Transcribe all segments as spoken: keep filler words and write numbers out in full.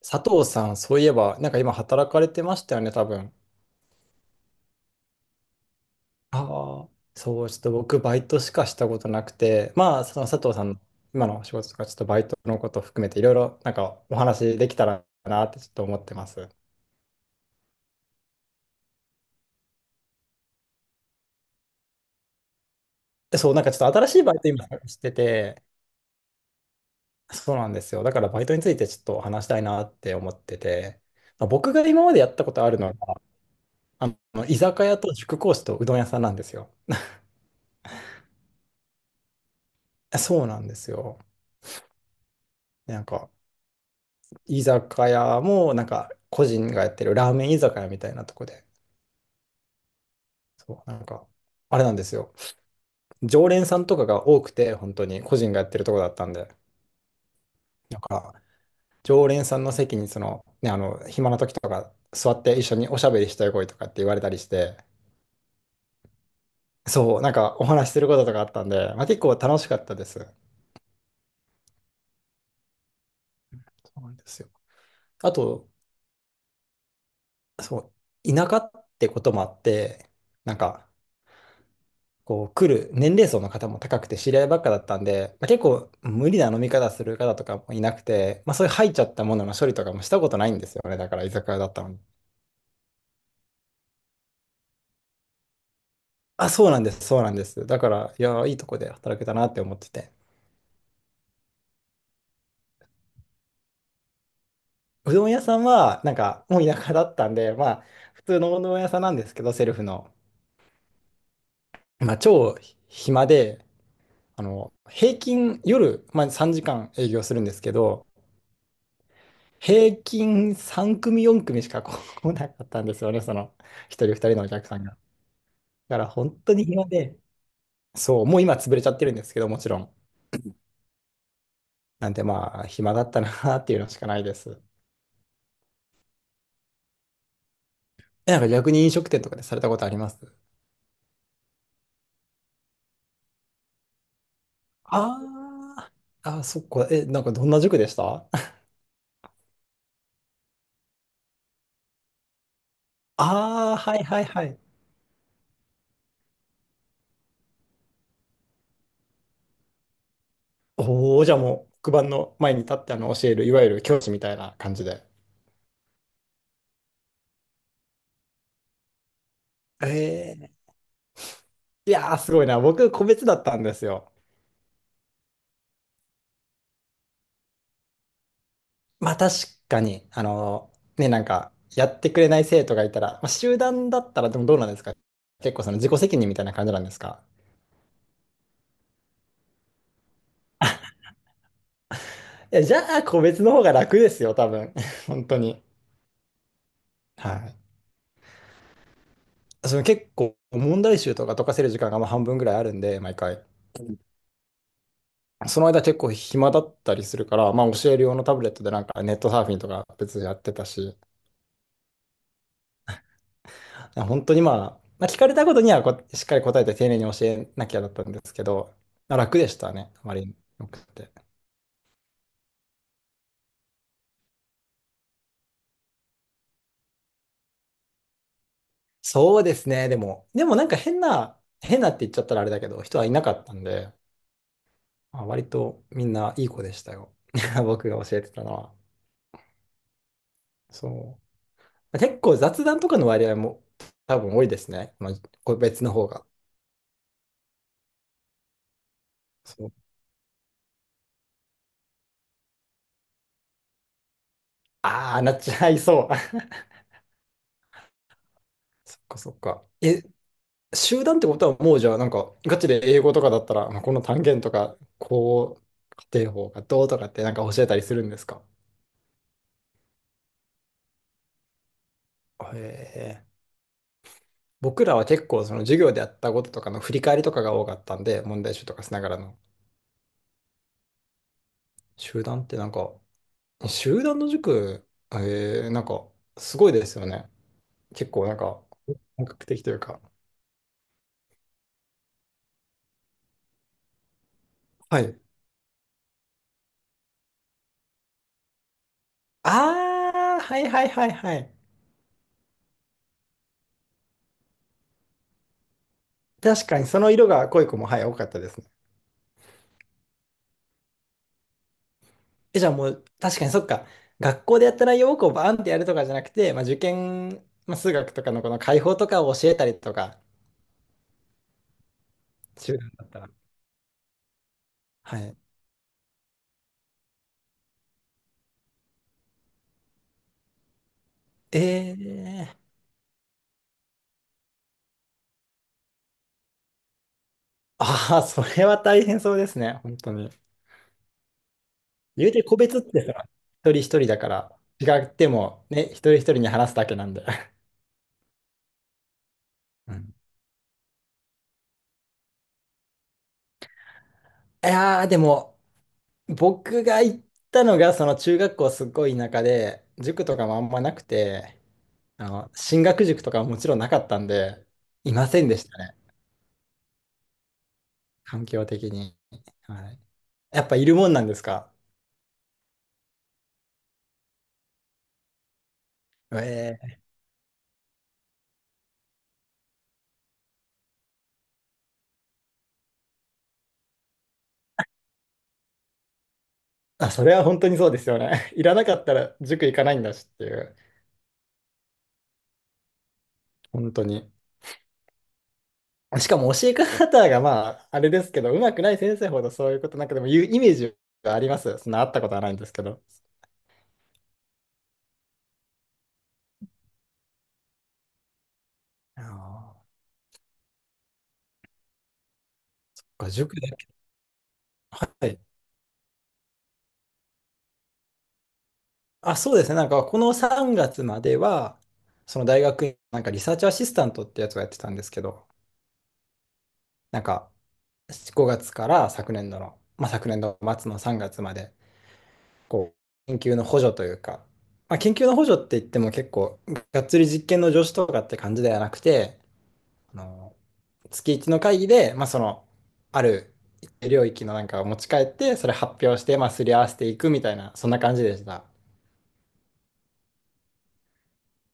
佐藤さん、そういえば、なんか今働かれてましたよね、多分。ああ、そう、ちょっと僕、バイトしかしたことなくて、まあ、その佐藤さんの今のお仕事とか、ちょっとバイトのことを含めて、いろいろなんかお話できたらなってちょっと思ってます。で、そう、なんかちょっと新しいバイト今探してて、そうなんですよ。だからバイトについてちょっと話したいなって思ってて、まあ、僕が今までやったことあるのは、あの、居酒屋と塾講師とうどん屋さんなんですよ。そうなんですよ。なんか、居酒屋も、なんか、個人がやってるラーメン居酒屋みたいなとこで、そう、なんか、あれなんですよ。常連さんとかが多くて、本当に個人がやってるとこだったんで、なんか、常連さんの席に、その、ね、あの、暇な時とか、座って一緒におしゃべりしたい声とかって言われたりして、そう、なんかお話しすることとかあったんで、まあ、結構楽しかったです。そうなんですよ。あと、そう、田舎ってこともあって、なんか、こう来る年齢層の方も高くて知り合いばっかだったんで、まあ、結構無理な飲み方する方とかもいなくて、まあ、そういう入っちゃったものの処理とかもしたことないんですよね。だから居酒屋だったのに。あ、そうなんです、そうなんです。だから、いや、いいとこで働けたなって思ってて。うどん屋さんは、なんか、もう田舎だったんで、まあ、普通のうどん屋さんなんですけど、セルフの。まあ、超暇で、あの、平均夜、まあ、さんじかん営業するんですけど、平均さん組よん組しか来なかったんですよね、その一人二人のお客さんが。だから本当に暇で、そう、もう今潰れちゃってるんですけど、もちろん。なんでまあ、暇だったなっていうのしかないです。え、なんか逆に飲食店とかでされたことあります？あーあー、そっか。え、なんかどんな塾でした？ ああー、はいはいはい。おお、じゃあもう黒板の前に立ってあの教える、いわゆる教師みたいな感じで。ええ、いやー、すごいな。僕、個別だったんですよ。まあ確かに、あの、ね、なんか、やってくれない生徒がいたら、まあ、集団だったらでもどうなんですか？結構その自己責任みたいな感じなんですか？いや、じゃあ個別の方が楽ですよ、多分。本当に。はい。その結構問題集とか解かせる時間がまあ半分ぐらいあるんで、毎回。その間結構暇だったりするから、まあ教える用のタブレットでなんかネットサーフィンとか別にやってたし、本当にまあ、まあ、聞かれたことにはこうしっかり答えて丁寧に教えなきゃだったんですけど、まあ楽でしたね、あまりによくて。そうですね。でも、でもなんか変な、変なって言っちゃったらあれだけど、人はいなかったんで、まあ、割とみんないい子でしたよ。僕が教えてたのは。そう。結構雑談とかの割合も多分多いですね。まあ、個別の方が。そう。ああ、なっちゃいそう。そっかそっか。え、集団ってことはもうじゃあなんかガチで英語とかだったら、まあ、この単元とか、こう、家庭法がどうとかってなんか教えたりするんですか？へえ。僕らは結構その授業でやったこととかの振り返りとかが多かったんで、問題集とかしながらの。集団ってなんか、集団の塾、えー、なんか、すごいですよね。結構なんか、本格的というか。はい。ああ、はいはいはいはい。確かにその色が濃い子も、はい、多かったですね。え、じゃあもう、確かにそっか。学校でやった内容をこうバーンってやるとかじゃなくて、まあ、受験、まあ、数学とかのこの解法とかを教えたりとか、集団だったら。はい。えーああ、それは大変そうですね、本当に。言うて個別ってさ、一人一人だから、違ってもね、一人一人に話すだけなんで。うん、いやー、でも、僕が行ったのが、その中学校すごい田舎で、塾とかもあんまなくて、あの、進学塾とかはもちろんなかったんで、いませんでしたね、環境的に。はい、やっぱいるもんなんですか？ええ、あ、それは本当にそうですよね。いらなかったら塾行かないんだしっていう、本当に。しかも教え方がまあ、あれですけど、上手くない先生ほどそういうことなんかでも言うイメージがあります。そんなあったことはないんですけど。ああ、塾だけ。はい。あ、そうですね。なんかこのさんがつまでは、その大学院、なんかリサーチアシスタントってやつをやってたんですけど、なんかごがつから昨年度の、まあ昨年度末のさんがつまで、こう、研究の補助というか、まあ研究の補助って言っても結構、がっつり実験の助手とかって感じではなくて、あの、月いちの会議で、まあ、その、ある一定領域のなんかを持ち帰って、それ発表して、まあ、すり合わせていくみたいな、そんな感じでした。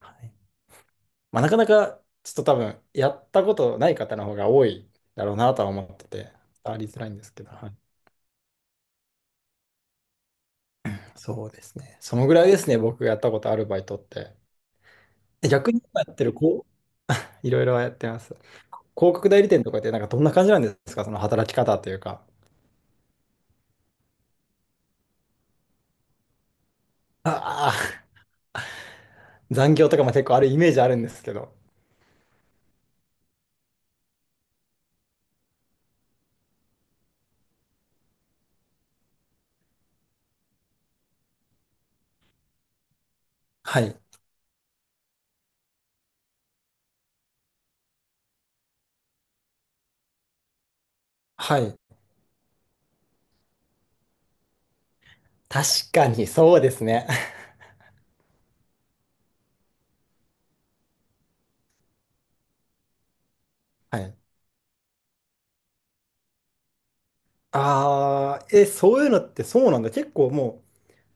はい。まあ、なかなか、ちょっと多分、やったことない方の方が多いだろうなとは思ってて、伝わりづらいんですけど、はい。そうですね。そのぐらいですね、僕がやったことあるバイトって。え、逆に今やってる、こう、いろいろやってます。広告代理店とかって、なんかどんな感じなんですか、その働き方というか。ああ、残業とかも結構あるイメージあるんですけど。はい。はい。確かに、そうですね。はい。ああ、え、そういうのってそうなんだ。結構もう、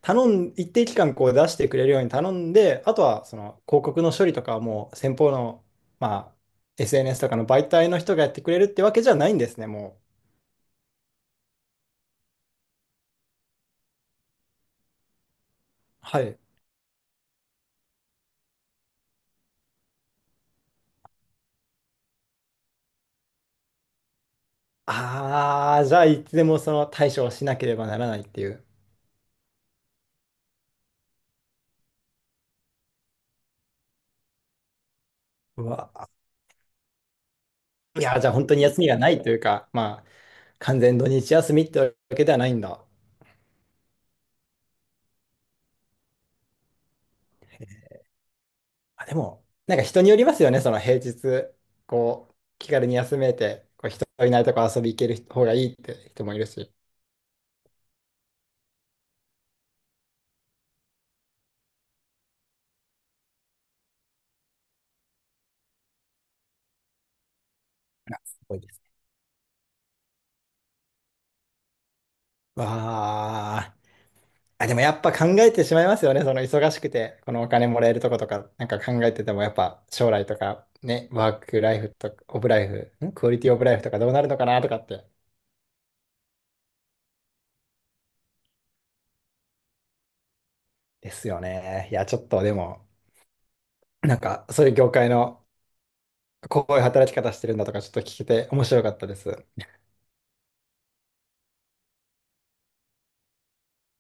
頼ん、一定期間こう出してくれるように頼んで、あとはその広告の処理とかはもう先方の、まあ、エスエヌエス とかの媒体の人がやってくれるってわけじゃないんですね、もう。はい。ああ、じゃあいつでもその対処をしなければならないっていう。うわ、いや、じゃあ本当に休みがないというか、まあ、完全土日休みってわけではないんだ。あ、でも、なんか人によりますよね、その平日、こう、気軽に休めて、こう人いないとこ遊び行ける方がいいって人もいるし。あ、すごいですね。わあ。あ、でもやっぱ考えてしまいますよね、その忙しくて、このお金もらえるとことか、なんか考えてても、やっぱ将来とか、ね、ワークライフとか、オブライフ、んクオリティオブライフとかどうなるのかなとかって。ですよね。いや、ちょっとでも、なんか、そういう業界のこういう働き方してるんだとか、ちょっと聞けて面白かったです。